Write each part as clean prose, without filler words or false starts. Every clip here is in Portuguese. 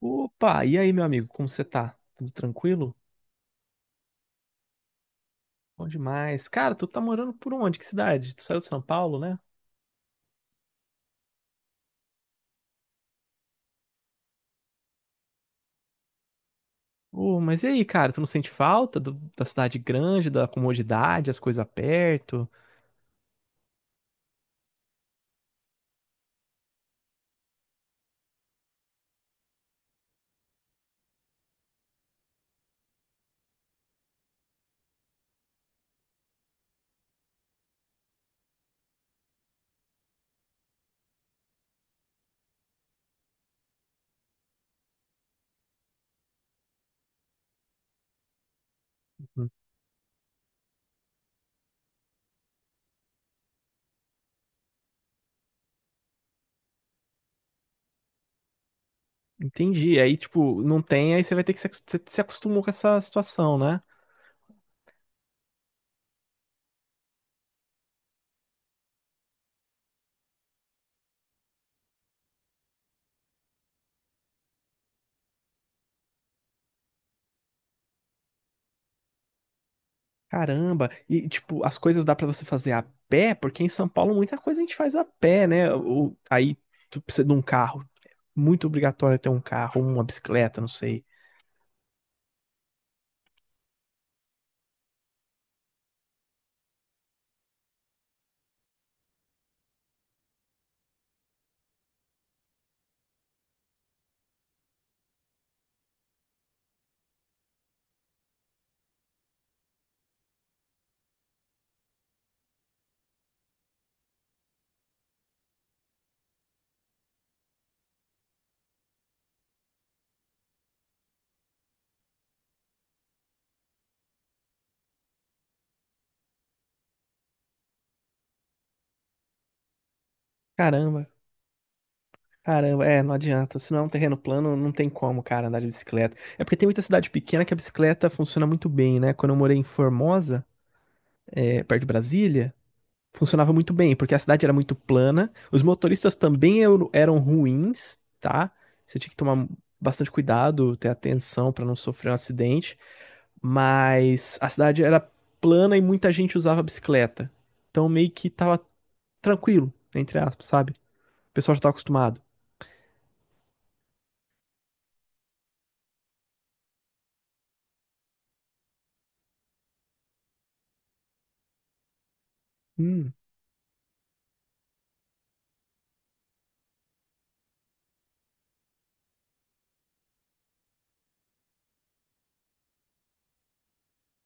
Opa, e aí, meu amigo, como você tá? Tudo tranquilo? Bom demais. Cara, tu tá morando por onde? Que cidade? Tu saiu de São Paulo, né? Oh, mas e aí, cara, tu não sente falta da cidade grande, da comodidade, as coisas perto? Uhum. Entendi. Aí, tipo, não tem, aí você vai ter que se, acos- você se acostumou com essa situação, né? Caramba. E, tipo, as coisas dá pra você fazer a pé? Porque em São Paulo muita coisa a gente faz a pé, né? Ou, aí tu precisa de um carro. É muito obrigatório ter um carro, uma bicicleta, não sei. Caramba. Caramba, é, não adianta. Se não é um terreno plano, não tem como, cara, andar de bicicleta. É porque tem muita cidade pequena que a bicicleta funciona muito bem, né? Quando eu morei em Formosa, é, perto de Brasília, funcionava muito bem, porque a cidade era muito plana. Os motoristas também eram ruins, tá? Você tinha que tomar bastante cuidado, ter atenção pra não sofrer um acidente. Mas a cidade era plana e muita gente usava bicicleta. Então meio que tava tranquilo, entre aspas, sabe? O pessoal já tava acostumado.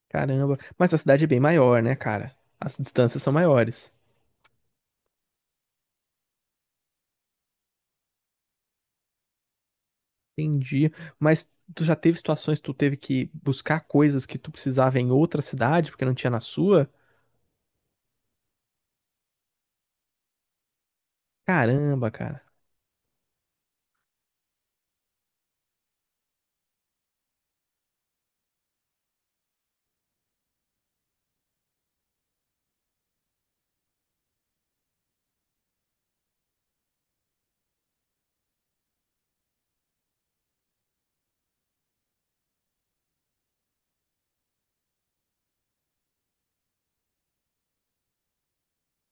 Caramba. Mas a cidade é bem maior, né, cara? As distâncias são maiores. Entendi. Mas tu já teve situações que tu teve que buscar coisas que tu precisava em outra cidade porque não tinha na sua? Caramba, cara.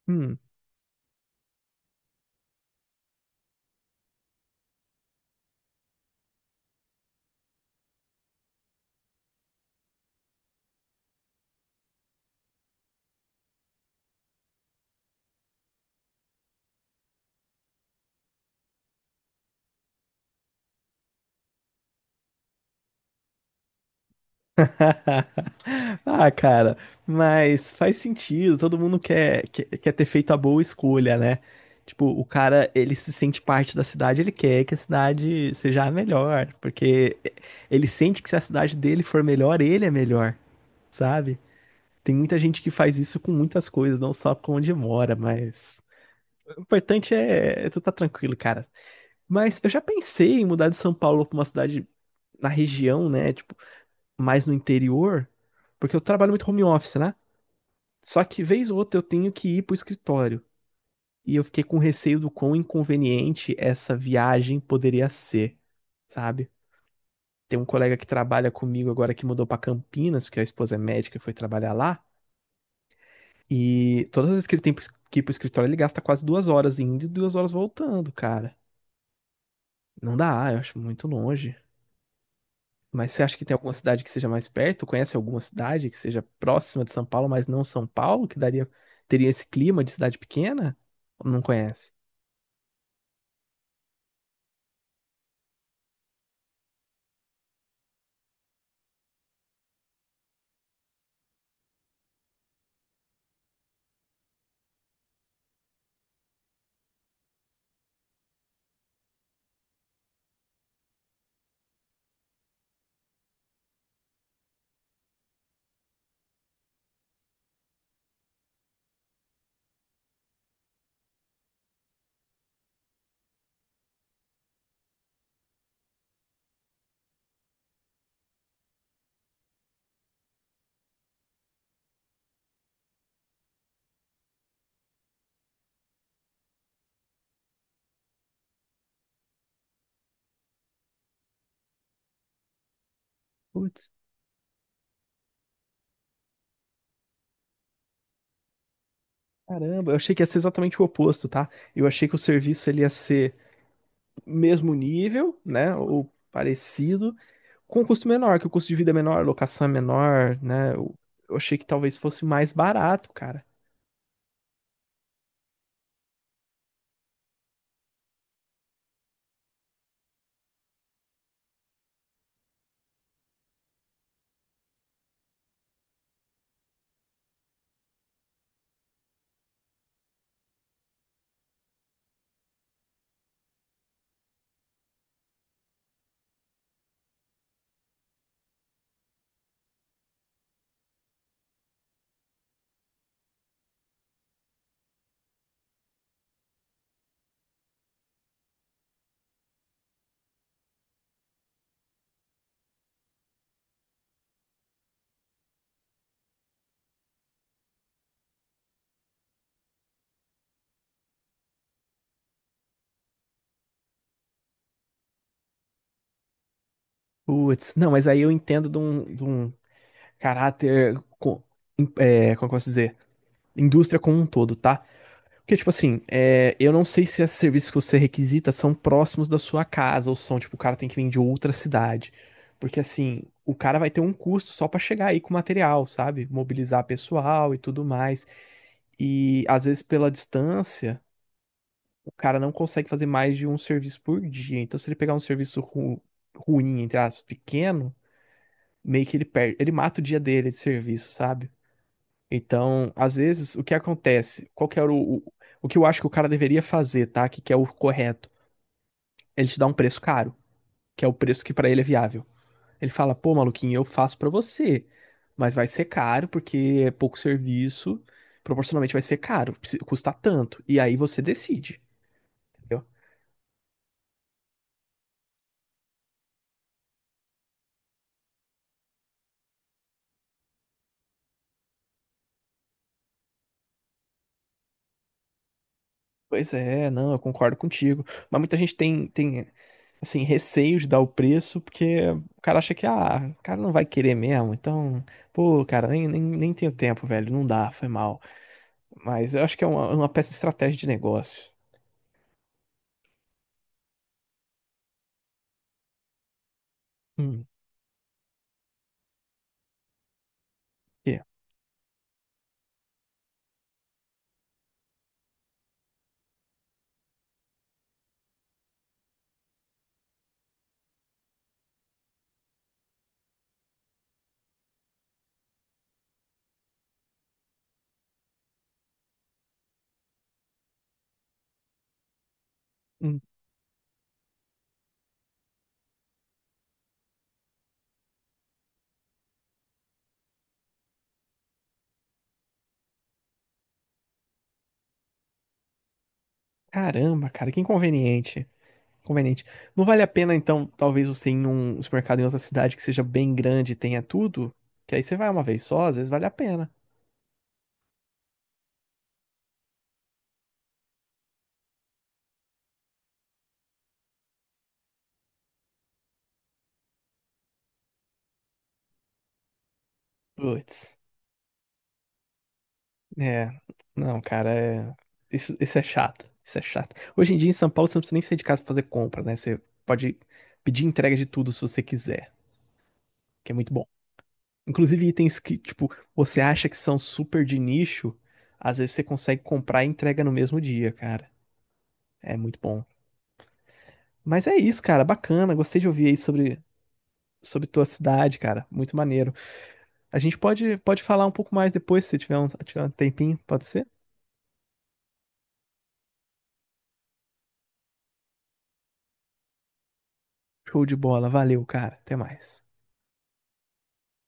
Hum. Ah, cara, mas faz sentido. Todo mundo quer, quer ter feito a boa escolha, né? Tipo, o cara, ele se sente parte da cidade, ele quer que a cidade seja a melhor, porque ele sente que se a cidade dele for melhor, ele é melhor, sabe? Tem muita gente que faz isso com muitas coisas, não só com onde mora, mas. O importante é tu tá tranquilo, cara. Mas eu já pensei em mudar de São Paulo pra uma cidade na região, né? Tipo, mais no interior, porque eu trabalho muito home office, né? Só que vez ou outra eu tenho que ir pro escritório. E eu fiquei com receio do quão inconveniente essa viagem poderia ser, sabe? Tem um colega que trabalha comigo agora que mudou pra Campinas, porque a esposa é médica e foi trabalhar lá. E todas as vezes que ele tem que ir pro escritório, ele gasta quase 2 horas indo e 2 horas voltando, cara. Não dá, eu acho muito longe. Mas você acha que tem alguma cidade que seja mais perto? Conhece alguma cidade que seja próxima de São Paulo, mas não São Paulo, que daria, teria esse clima de cidade pequena? Ou não conhece? Putz, caramba, eu achei que ia ser exatamente o oposto, tá? Eu achei que o serviço ele ia ser mesmo nível, né? Ou parecido, com um custo menor, que o custo de vida é menor, a locação é menor, né? Eu achei que talvez fosse mais barato, cara. Putz, não, mas aí eu entendo de um caráter, co- é, como eu posso dizer? Indústria como um todo, tá? Porque, tipo assim, é, eu não sei se esses serviços que você requisita são próximos da sua casa, ou são, tipo, o cara tem que vir de outra cidade. Porque, assim, o cara vai ter um custo só pra chegar aí com o material, sabe? Mobilizar pessoal e tudo mais. E, às vezes, pela distância. O cara não consegue fazer mais de um serviço por dia. Então, se ele pegar um ruim, entre aspas, pequeno, meio que ele perde, ele mata o dia dele de serviço, sabe? Então, às vezes, o que acontece? Qual que era o que eu acho que o cara deveria fazer, tá? Que é o correto. Ele te dá um preço caro, que é o preço que pra ele é viável. Ele fala, pô, maluquinho, eu faço pra você, mas vai ser caro porque é pouco serviço, proporcionalmente vai ser custa tanto. E aí você decide. Pois é, não, eu concordo contigo. Mas muita gente tem, tem assim, receio de dar o preço, porque o cara acha que, ah, o cara não vai querer mesmo. Então, pô, cara, nem tenho tempo, velho. Não dá, foi mal. Mas eu acho que é uma péssima estratégia de negócio. Hum, quê? Hum, caramba, cara, que inconveniente. Conveniente Não vale a pena, então, talvez você ir em um supermercado em outra cidade que seja bem grande e tenha tudo? Que aí você vai uma vez só, às vezes vale a pena. Putz. É, não, cara, é... Isso é chato, isso é chato. Hoje em dia em São Paulo você não precisa nem sair de casa pra fazer compra, né? Você pode pedir entrega de tudo se você quiser, que é muito bom. Inclusive itens que, tipo, você acha que são super de nicho, às vezes você consegue comprar e entrega no mesmo dia, cara. É muito bom. Mas é isso, cara, bacana, gostei de ouvir aí sobre, sobre tua cidade, cara, muito maneiro. A gente pode, pode falar um pouco mais depois, se tiver um, tiver um tempinho, pode ser? Show de bola, valeu, cara, até mais.